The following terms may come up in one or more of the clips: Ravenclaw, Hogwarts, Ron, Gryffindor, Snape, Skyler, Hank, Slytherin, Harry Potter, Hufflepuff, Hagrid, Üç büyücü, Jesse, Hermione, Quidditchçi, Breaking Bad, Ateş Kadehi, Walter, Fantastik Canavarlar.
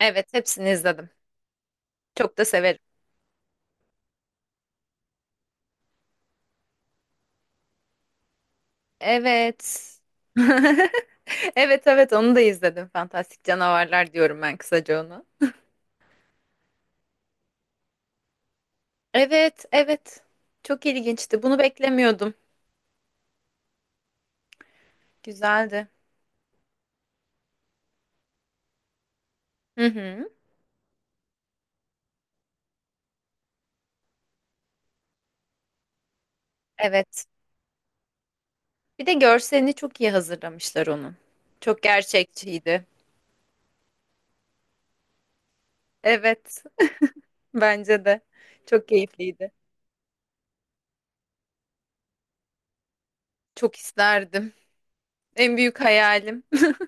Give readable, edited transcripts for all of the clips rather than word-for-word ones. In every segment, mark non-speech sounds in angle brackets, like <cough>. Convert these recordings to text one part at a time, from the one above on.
Evet, hepsini izledim. Çok da severim. Evet. <laughs> Evet, evet onu da izledim. Fantastik Canavarlar diyorum ben kısaca ona. Evet, evet. Çok ilginçti. Bunu beklemiyordum. Güzeldi. Hı hı. Evet. Bir de görselini çok iyi hazırlamışlar onun. Çok gerçekçiydi. Evet, bence de. Çok keyifliydi. Çok isterdim. En büyük hayalim. <laughs>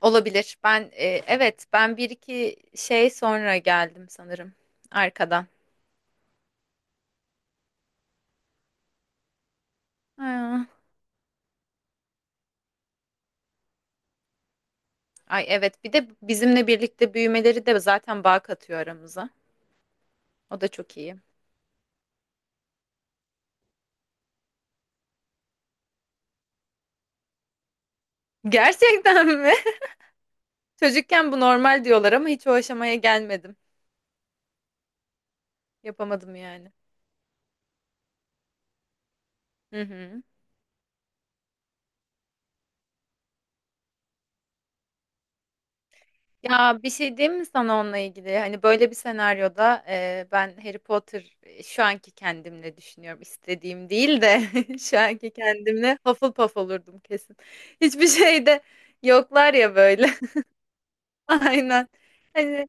Olabilir. Ben, evet, bir iki şey sonra geldim sanırım arkadan. Ha. Ay evet bir de bizimle birlikte büyümeleri de zaten bağ katıyor aramıza. O da çok iyi. Gerçekten mi? <laughs> Çocukken bu normal diyorlar ama hiç o aşamaya gelmedim. Yapamadım yani. Hı hı. Ya bir şey diyeyim mi sana onunla ilgili? Hani böyle bir senaryoda ben Harry Potter şu anki kendimle düşünüyorum. İstediğim değil de <laughs> şu anki kendimle Hufflepuff olurdum kesin. Hiçbir şeyde yoklar ya böyle. <laughs> Aynen. Hani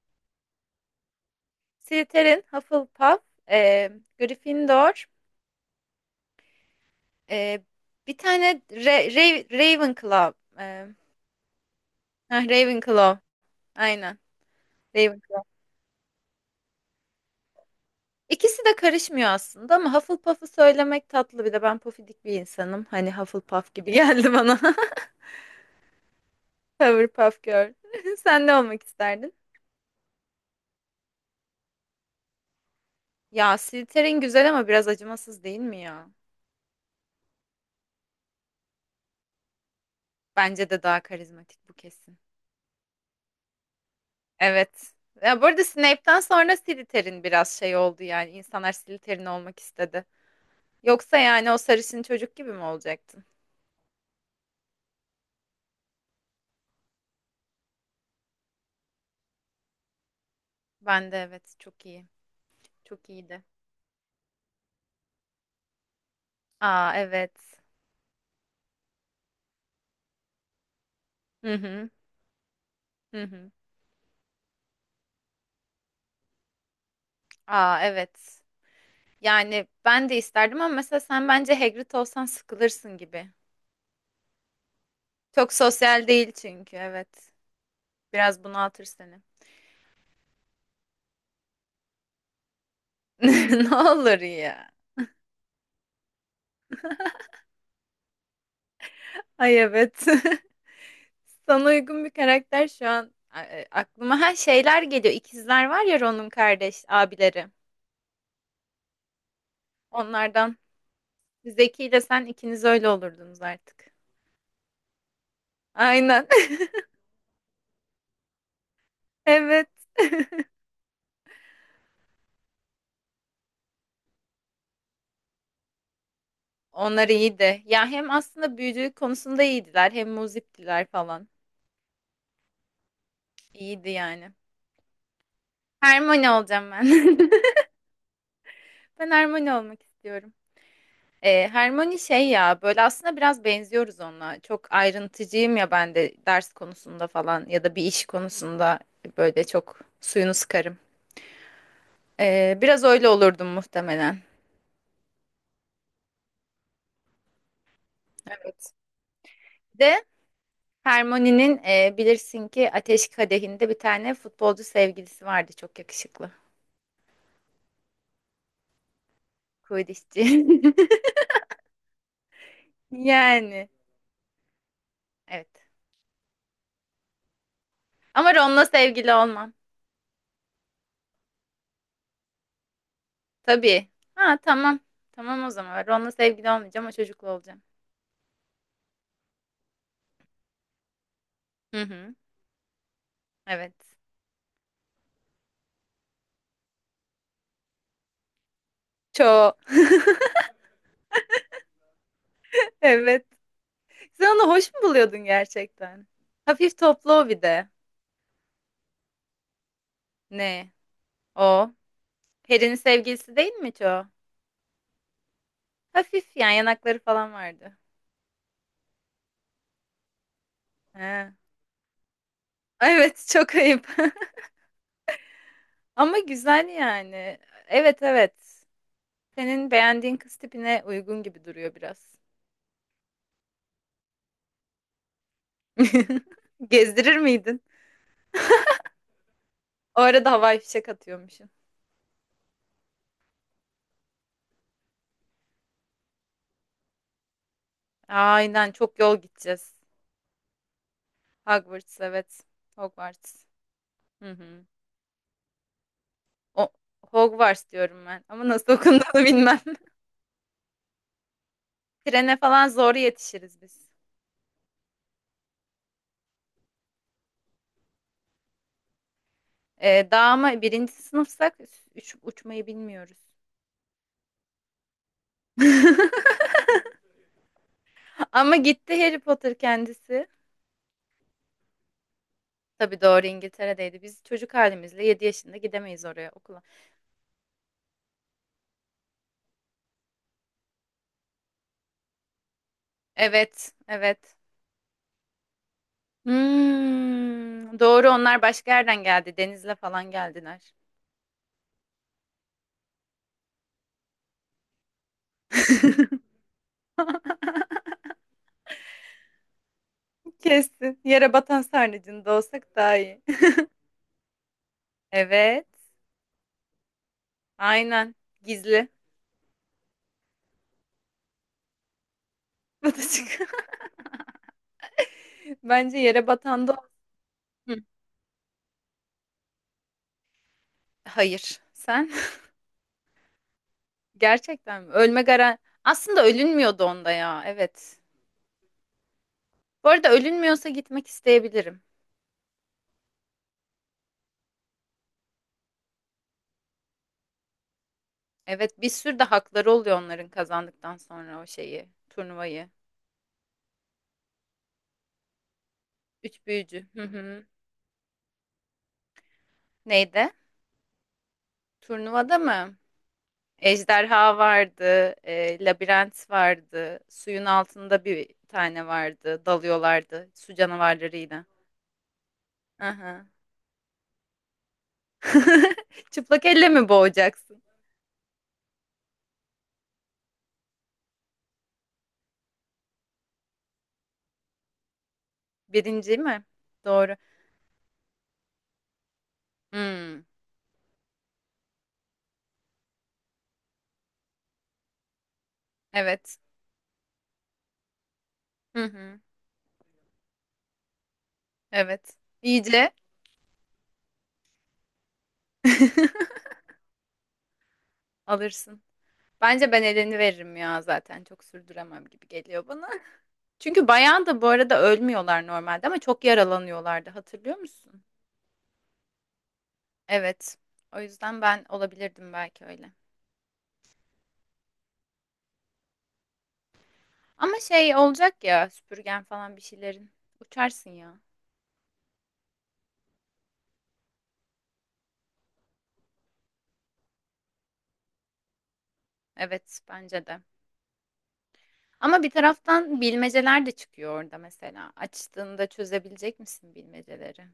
Slytherin, Hufflepuff, e, Gryffindor, e, bir tane Ravenclaw. E, Ravenclaw. Aynen. Ravenclaw. İkisi de karışmıyor aslında ama Hufflepuff'u söylemek tatlı bir de ben pofidik bir insanım. Hani Hufflepuff gibi <laughs> geldi bana. <laughs> Hufflepuff Girl. <laughs> Sen ne olmak isterdin? Ya Slytherin güzel ama biraz acımasız değil mi ya? Bence de daha karizmatik bu kesin. Evet. Ya bu arada Snape'den sonra Slytherin biraz şey oldu yani. İnsanlar Slytherin olmak istedi. Yoksa yani o sarışın çocuk gibi mi olacaktın? Ben de evet çok iyi. Çok iyiydi. Aa evet. Hı hı. Hı hı. Aa evet. Yani ben de isterdim ama mesela sen bence Hagrid olsan sıkılırsın gibi. Çok sosyal değil çünkü evet. Biraz bunaltır seni. <laughs> Ne olur ya. Ay evet. <laughs> Sana uygun bir karakter şu an aklıma her şeyler geliyor. İkizler var ya Ron'un kardeş abileri. Onlardan Zeki ile sen ikiniz öyle olurdunuz artık. Aynen. <laughs> Evet. Onlar iyiydi. Ya hem aslında büyücülük konusunda iyiydiler, hem muziptiler falan. İyiydi yani. Hermione olacağım ben. <laughs> Ben harmoni olmak istiyorum. Hermione şey ya böyle aslında biraz benziyoruz onunla. Çok ayrıntıcıyım ya ben de ders konusunda falan ya da bir iş konusunda böyle çok suyunu sıkarım. Biraz öyle olurdum muhtemelen. Evet. Bir de Hermione'nin bilirsin ki Ateş Kadehi'nde bir tane futbolcu sevgilisi vardı çok yakışıklı. Quidditchçi. <laughs> Yani evet. Ama Ron'la sevgili olmam. Tabii. Ha tamam. Tamam o zaman. Ron'la sevgili olmayacağım o çocukla olacağım. Hı hı. Evet. Çok. Evet. Sen onu hoş mu buluyordun gerçekten? Hafif toplu o bir de. Ne? O. Peri'nin sevgilisi değil mi hiç o? Hafif yani yanakları falan vardı. He. Evet çok ayıp. <laughs> Ama güzel yani. Evet evet. Senin beğendiğin kız tipine uygun gibi duruyor biraz. <laughs> Gezdirir miydin? O arada havai fişek atıyormuşsun. Aynen çok yol gideceğiz. Hogwarts evet. Hogwarts. Hı hı. O, Hogwarts diyorum ben. Ama nasıl okunduğunu <laughs> bilmem. Trene falan zor yetişiriz biz. Daha ama birinci sınıfsak uçmayı bilmiyoruz. <laughs> Ama gitti Harry Potter kendisi. Tabii doğru İngiltere'deydi. Biz çocuk halimizle 7 yaşında gidemeyiz oraya okula. Evet, evet. Doğru onlar başka yerden geldi. Denizle falan geldiler. <laughs> Kesin. Yere batan sarnıcında olsak daha iyi. Evet. Aynen. Gizli. <laughs> Batacık. Bence yere batanda Hı. Hayır. Sen? <laughs> Gerçekten mi? Ölme garan... Aslında ölünmüyordu onda ya. Evet. Bu arada ölünmüyorsa gitmek isteyebilirim. Evet, bir sürü de hakları oluyor onların kazandıktan sonra o şeyi, turnuvayı. Üç büyücü. Hı hı. Neydi? Turnuvada mı? Ejderha vardı, labirent vardı, suyun altında bir tane vardı, dalıyorlardı su canavarlarıyla. Aha. <laughs> Çıplak elle mi boğacaksın? Birinci mi? Doğru. Hmm, evet. Hı hı, evet. İyice <laughs> alırsın. Bence ben eleni veririm ya zaten. Çok sürdüremem gibi geliyor bana. <laughs> Çünkü bayan da bu arada ölmüyorlar normalde ama çok yaralanıyorlardı. Hatırlıyor musun? Evet. O yüzden ben olabilirdim belki öyle. Ama şey olacak ya süpürgen falan bir şeylerin. Uçarsın ya. Evet bence de. Ama bir taraftan bilmeceler de çıkıyor orada mesela. Açtığında çözebilecek misin bilmeceleri?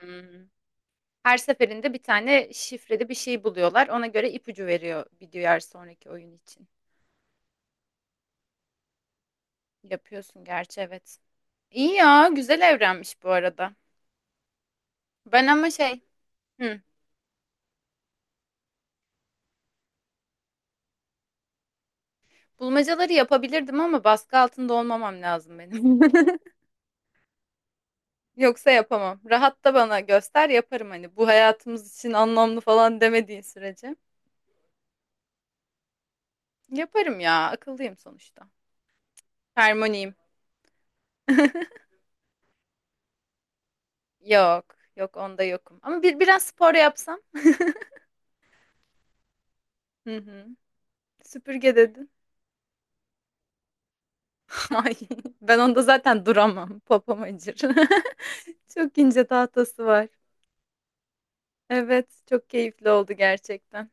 Hmm. Her seferinde bir tane şifreli bir şey buluyorlar. Ona göre ipucu veriyor bir diğer sonraki oyun için. Yapıyorsun gerçi evet. İyi ya güzel evrenmiş bu arada. Ben ama şey hı, bulmacaları yapabilirdim ama baskı altında olmamam lazım benim. <laughs> Yoksa yapamam. Rahat da bana göster yaparım hani bu hayatımız için anlamlı falan demediğin sürece. Yaparım ya akıllıyım sonuçta. Harmoniyim. <laughs> Yok yok onda yokum. Ama biraz spor yapsam. Hı hı. Süpürge dedin. <laughs> Ay, ben onda zaten duramam. Popom acır. <laughs> Çok ince tahtası var. Evet, çok keyifli oldu gerçekten.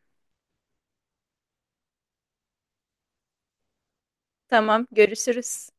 Tamam, görüşürüz.